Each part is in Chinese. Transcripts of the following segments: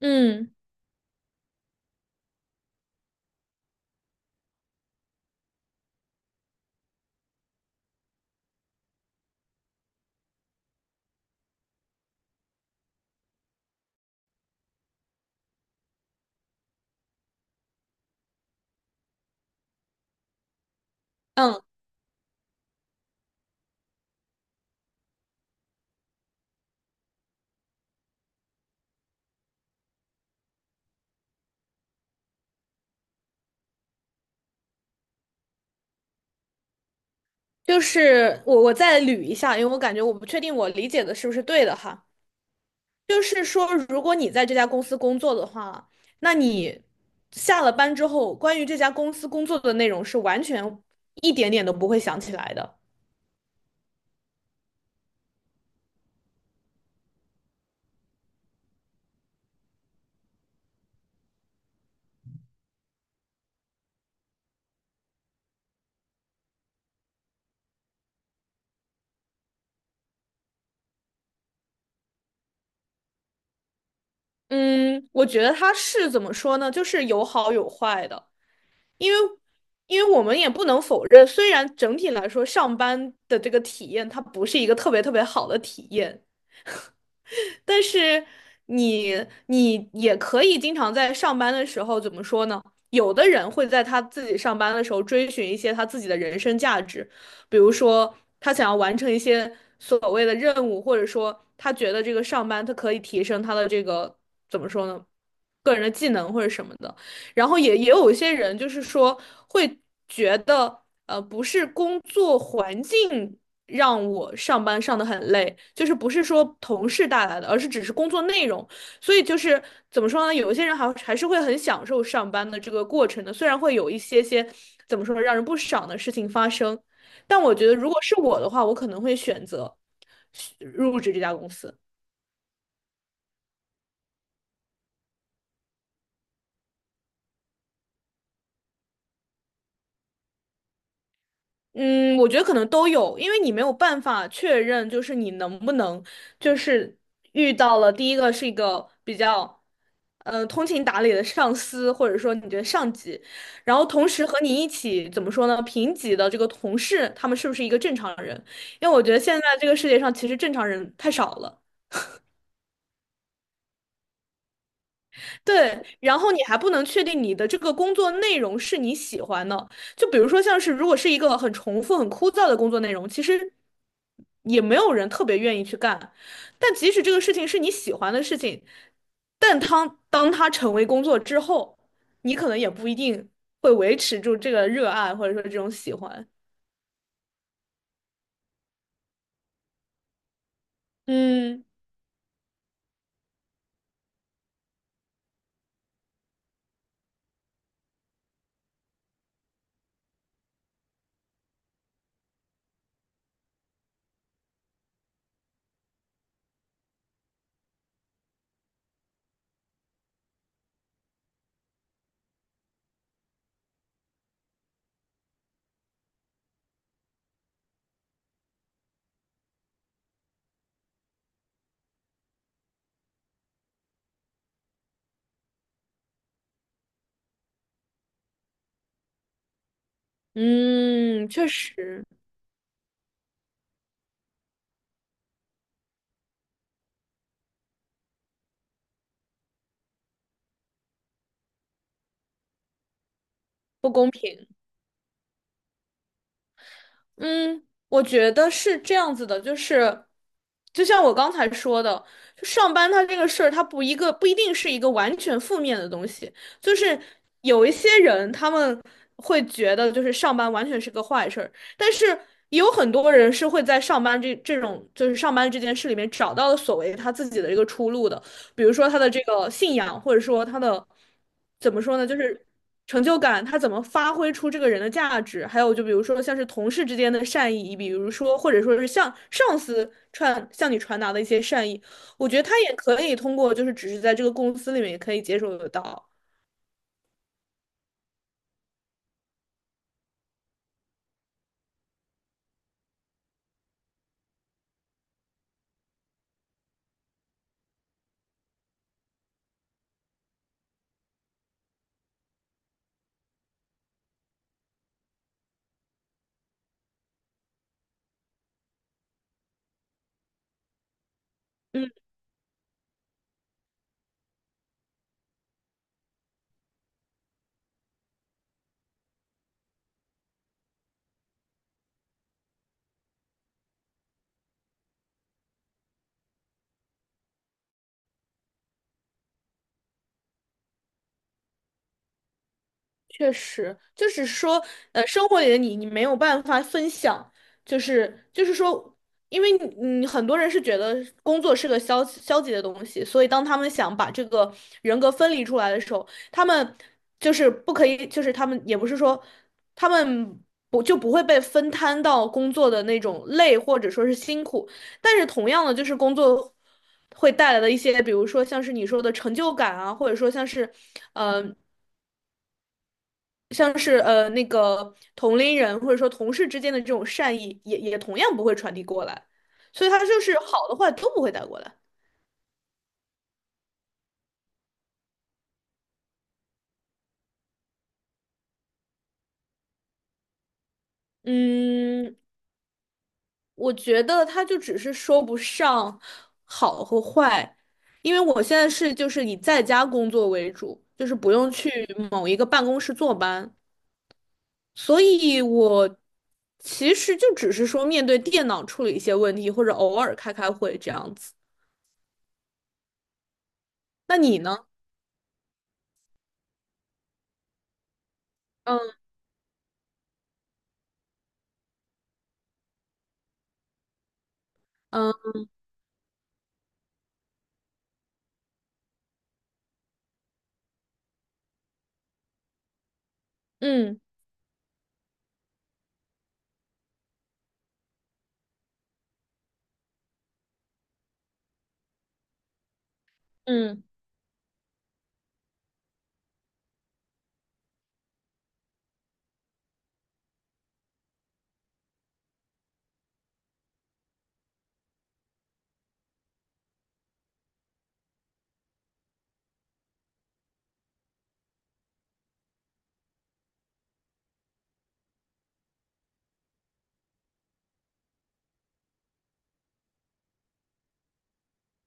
嗯嗯，就是我再捋一下，因为我感觉我不确定我理解的是不是对的哈。就是说，如果你在这家公司工作的话，那你下了班之后，关于这家公司工作的内容是完全一点点都不会想起来的。嗯，我觉得它是怎么说呢？就是有好有坏的，因为因为我们也不能否认，虽然整体来说上班的这个体验它不是一个特别特别好的体验。但是你你也可以经常在上班的时候，怎么说呢？有的人会在他自己上班的时候追寻一些他自己的人生价值，比如说他想要完成一些所谓的任务，或者说他觉得这个上班他可以提升他的这个怎么说呢？个人的技能或者什么的。然后也有一些人就是说会觉得，不是工作环境让我上班上得很累，就是不是说同事带来的，而是只是工作内容。所以就是怎么说呢？有一些人还是会很享受上班的这个过程的，虽然会有一些些怎么说呢，让人不爽的事情发生，但我觉得如果是我的话，我可能会选择入职这家公司。嗯，我觉得可能都有，因为你没有办法确认，就是你能不能，就是遇到了第一个是一个比较，通情达理的上司，或者说你觉得上级，然后同时和你一起怎么说呢，平级的这个同事，他们是不是一个正常人？因为我觉得现在这个世界上其实正常人太少了。对，然后你还不能确定你的这个工作内容是你喜欢的，就比如说像是如果是一个很重复、很枯燥的工作内容，其实也没有人特别愿意去干。但即使这个事情是你喜欢的事情，但当它成为工作之后，你可能也不一定会维持住这个热爱或者说这种喜欢。嗯嗯，确实不公平。嗯，我觉得是这样子的，就是，就像我刚才说的，就上班它这个事儿，它不一定是一个完全负面的东西，就是有一些人他们会觉得就是上班完全是个坏事儿，但是也有很多人是会在上班这种就是上班这件事里面找到了所谓他自己的一个出路的，比如说他的这个信仰，或者说他的怎么说呢，就是成就感，他怎么发挥出这个人的价值，还有就比如说像是同事之间的善意，比如说或者说是向你传达的一些善意，我觉得他也可以通过就是只是在这个公司里面也可以接受得到。嗯。确实，就是说，生活里的你，你没有办法分享，就是说，因为你，你很多人是觉得工作是个消极的东西，所以当他们想把这个人格分离出来的时候，他们就是不可以，就是他们也不是说他们不会被分摊到工作的那种累或者说是辛苦，但是同样的，就是工作会带来的一些，比如说像是你说的成就感啊，或者说像是。嗯。像是那个同龄人或者说同事之间的这种善意也，也同样不会传递过来，所以他就是好的坏都不会带过来。嗯，我觉得他就只是说不上好和坏，因为我现在是就是以在家工作为主，就是不用去某一个办公室坐班，所以我其实就只是说面对电脑处理一些问题，或者偶尔开开会这样子。那你呢？嗯嗯嗯嗯。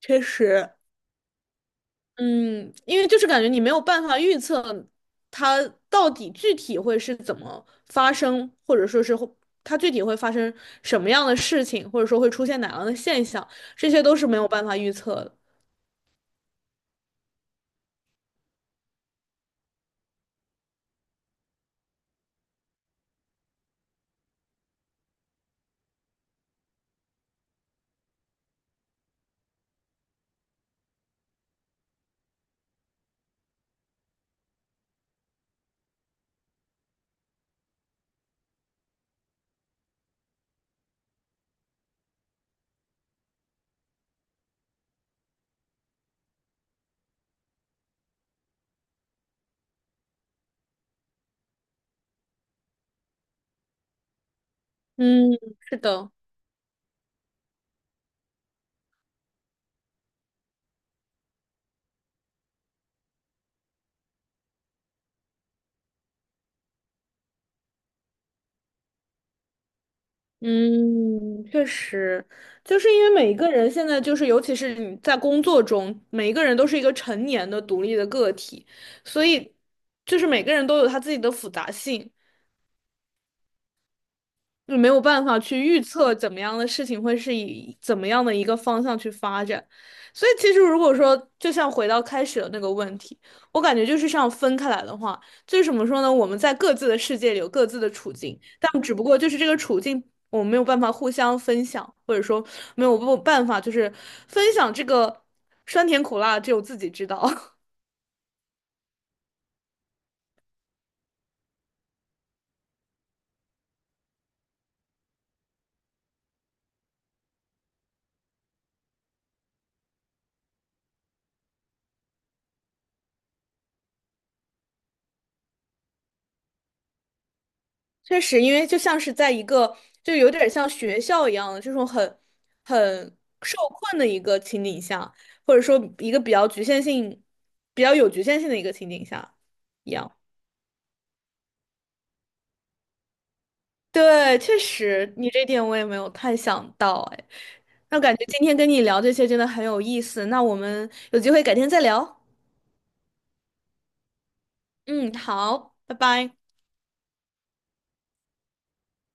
确实，嗯，因为就是感觉你没有办法预测它到底具体会是怎么发生，或者说是会它具体会发生什么样的事情，或者说会出现哪样的现象，这些都是没有办法预测的。嗯，是的，嗯，确实，就是因为每一个人现在就是，尤其是你在工作中，每一个人都是一个成年的独立的个体，所以就是每个人都有他自己的复杂性。就没有办法去预测怎么样的事情会是以怎么样的一个方向去发展。所以其实如果说，就像回到开始的那个问题，我感觉就是像分开来的话，就是怎么说呢？我们在各自的世界里有各自的处境，但只不过就是这个处境。我们没有办法互相分享，或者说没有办法，就是分享这个酸甜苦辣，只有自己知道。确实，因为就像是在一个，就有点像学校一样的这种很受困的一个情景下，或者说一个比较局限性、比较有局限性的一个情景下一样。对，确实，你这点我也没有太想到，哎，那感觉今天跟你聊这些真的很有意思。那我们有机会改天再聊。嗯，好，拜拜。